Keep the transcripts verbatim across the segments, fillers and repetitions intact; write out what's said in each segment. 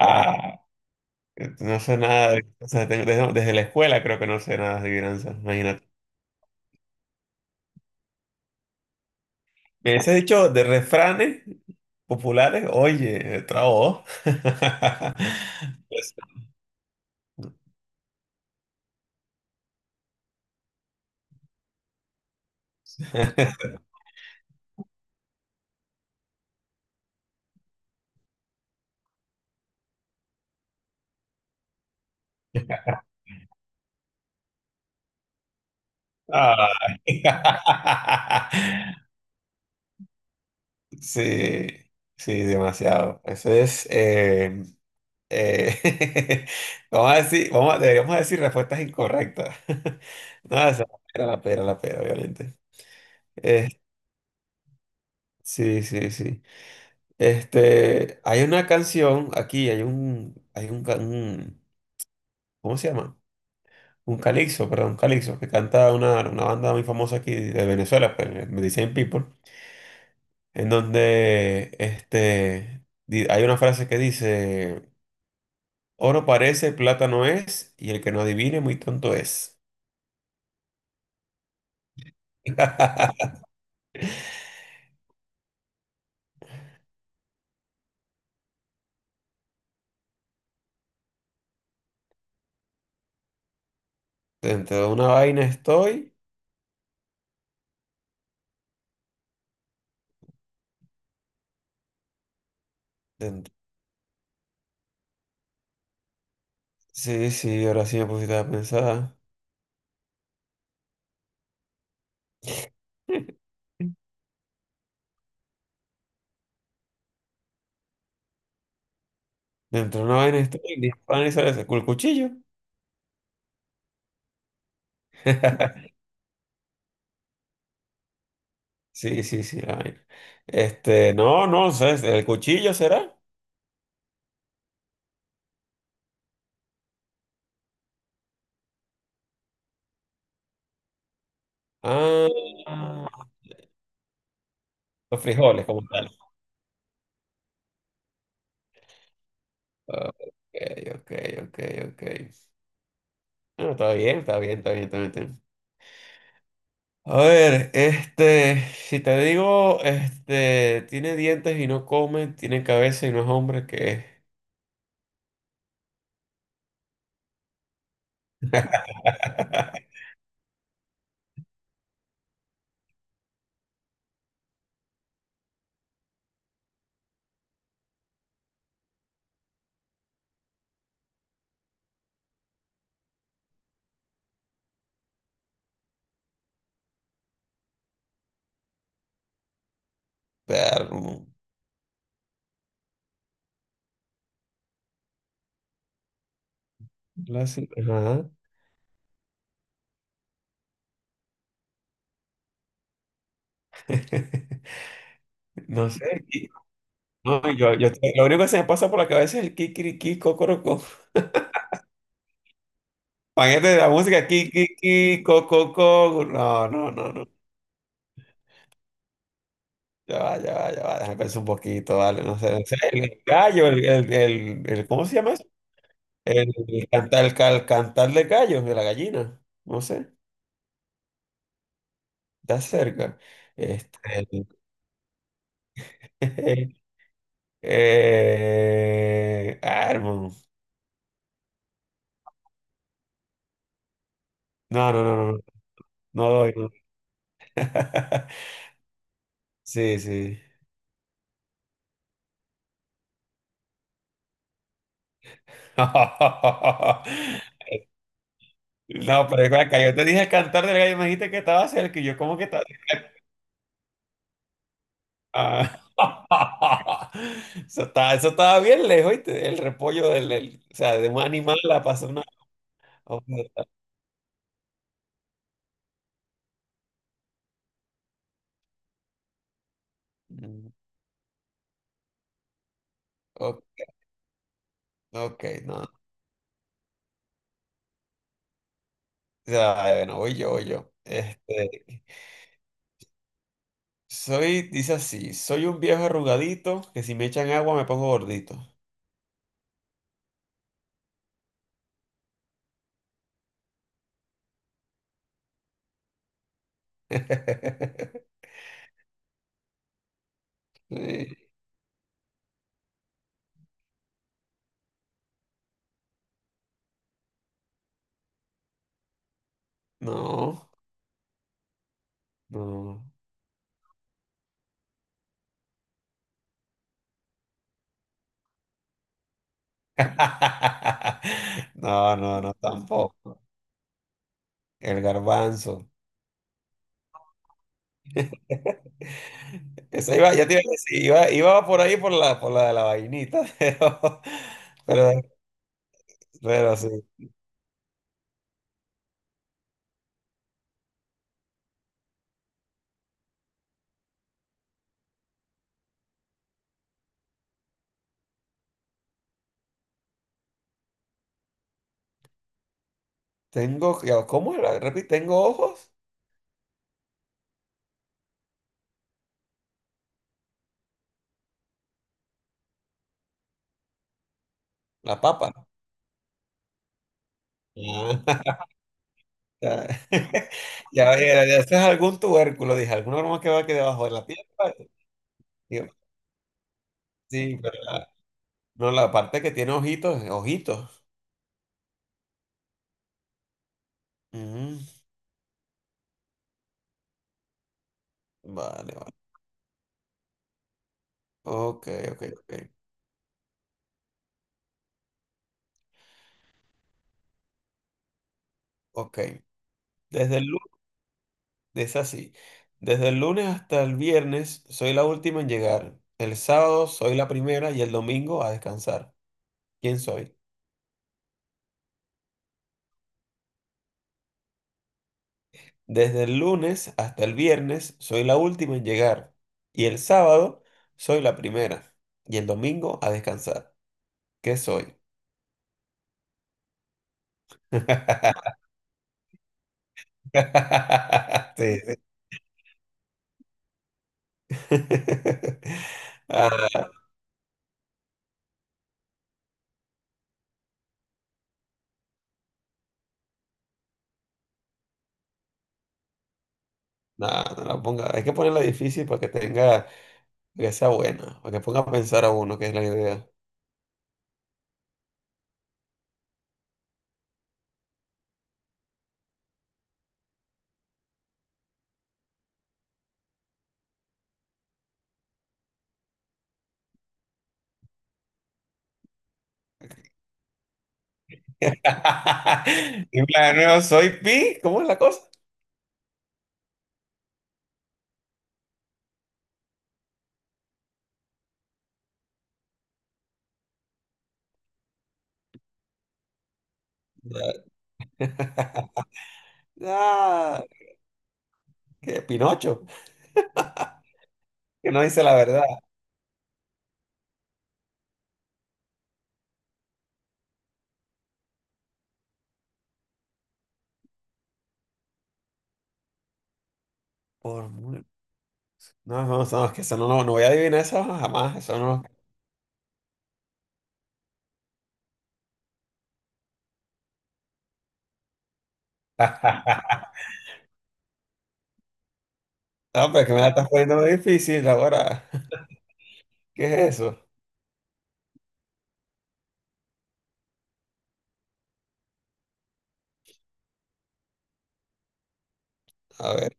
Ah, no sé nada, de- o sea, tengo- desde, desde la escuela creo que no sé nada de adivinanzas, imagínate. Me has dicho de refranes populares, oye, trabo. Pues, ay. Sí, sí, demasiado. Eso es, eh, eh, vamos a decir, vamos a- deberíamos decir respuestas incorrectas. No, esa era la pera, la pera, obviamente. Eh, sí, sí, sí. Este, hay una canción aquí, hay un, hay un, ca- un- ¿cómo se llama? Un calixo, perdón, un calixo, que canta una, una banda muy famosa aquí de Venezuela, pues, eh, Medicine People, en donde este, di- hay una frase que dice, oro parece, plata no es, y el que no adivine muy tonto es. Dentro de una vaina estoy, dentro- sí, sí, ahora sí me pusiste a pensar, dentro de una vaina estoy, dispara y sale el cuchillo. Sí, sí, sí, la vaina. Este, no, no, ¿sabes? ¿El cuchillo será? Ah, ah, los frijoles como tal. Ah, ok, ok, ok, ok. Bueno, está bien, está bien, está bien, está bien, está bien. A ver, este, si te digo, este, tiene dientes y no come, tiene cabeza y no es hombre, ¿qué es? Perro. La sí- ajá. No sé. Y- No, yo, yo- lo único que se me pasa por la cabeza es el kikiriki, cocorocó. Paquete de la música, ki, ki, ki, co, co, co. No, no, no, no. Ya va, ya va, ya va. Déjame pensar un poquito, vale. No sé, no sé. El gallo, el, el, el, el- ¿cómo se llama eso? El, el cantar, el, cal- cantar de gallo, de la gallina. No sé, está cerca. Este, el- eh, ah, hermano. No, no, no, no. No no doy, no. Sí, sí. No, pero es que yo te dije cantar del gallo, me dijiste que estaba cerca y yo como que estaba. Ah, eso estaba, eso estaba bien lejos, ¿oíste? El repollo del, del- o sea, de un animal la pasó una. A una- Mm, o- ok, no. O sea, bueno, voy yo, voy yo. Este, soy, dice así, soy un viejo arrugadito que si me echan agua me pongo gordito. Sí, no, no. No, no, no, tampoco. El garbanzo. Esa iba, ya te iba a decir, iba, iba por ahí por la, por la de la vainita, pero, pero, pero sí. Tengo, ya, ¿cómo era? Repite, tengo ojos, la papa. Ah, ya, ya, era, ya, eso es algún tubérculo, dije, alguna broma que va aquí debajo de la tierra. Digo, sí, pero la- no, la parte que tiene ojitos, ojitos. Ujú, vale, vale. Ok, ok, ok. Ok. Desde el Es así. Desde el lunes hasta el viernes soy la última en llegar. El sábado soy la primera y el domingo a descansar. ¿Quién soy? Desde el lunes hasta el viernes soy la última en llegar. Y el sábado soy la primera y el domingo a descansar. ¿Qué soy? Sí, sí. Ah, no, no la ponga. Hay que ponerla difícil para que tenga, para que sea buena, para que ponga a pensar a uno, que es la idea. Y plan, de nuevo, soy Pi, ¿cómo es la cosa? Ah, que Pinocho, que no dice la verdad. Por mu- no, no, no, es que eso no, no, no voy a adivinar eso jamás, eso no. No, pero que me la estás poniendo muy difícil ahora. ¿Qué es eso? A ver,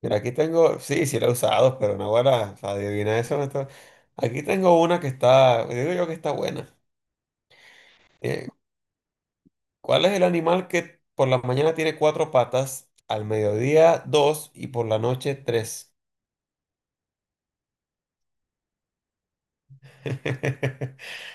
mira, aquí tengo, sí, sí la he usado, pero no ahora, o sea, adivina eso. No está- Aquí tengo una que está, digo yo que está buena. Eh, ¿cuál es el animal que por la mañana tiene cuatro patas, al mediodía dos y por la noche tres?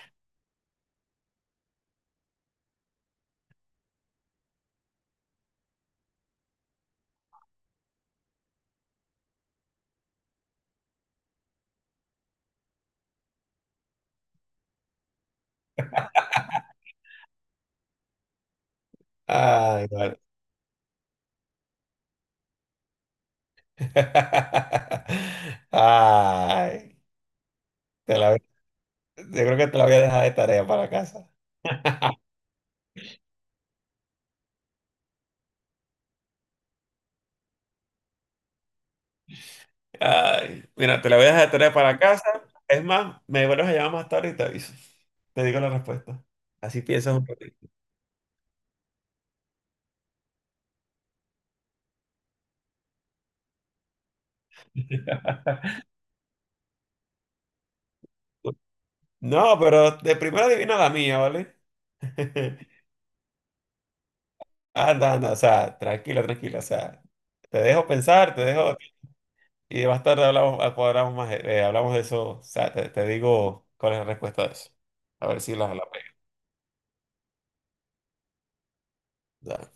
Ay, vale. Ay, te la- yo creo que te la voy a dejar de tarea para casa. Ay, mira, te la voy a dejar de tarea para casa. Es más, me vuelves a llamar más tarde y te aviso. Te digo la respuesta. Así piensas un ratito. No, pero de primera adivina la mía, ¿vale? Anda, anda, o sea, tranquila, tranquila, o sea, te dejo pensar, te dejo, y más tarde hablamos, ah, cuadramos más, eh, hablamos de eso. O sea, te, te digo cuál es la respuesta de eso. A ver si la, la pego.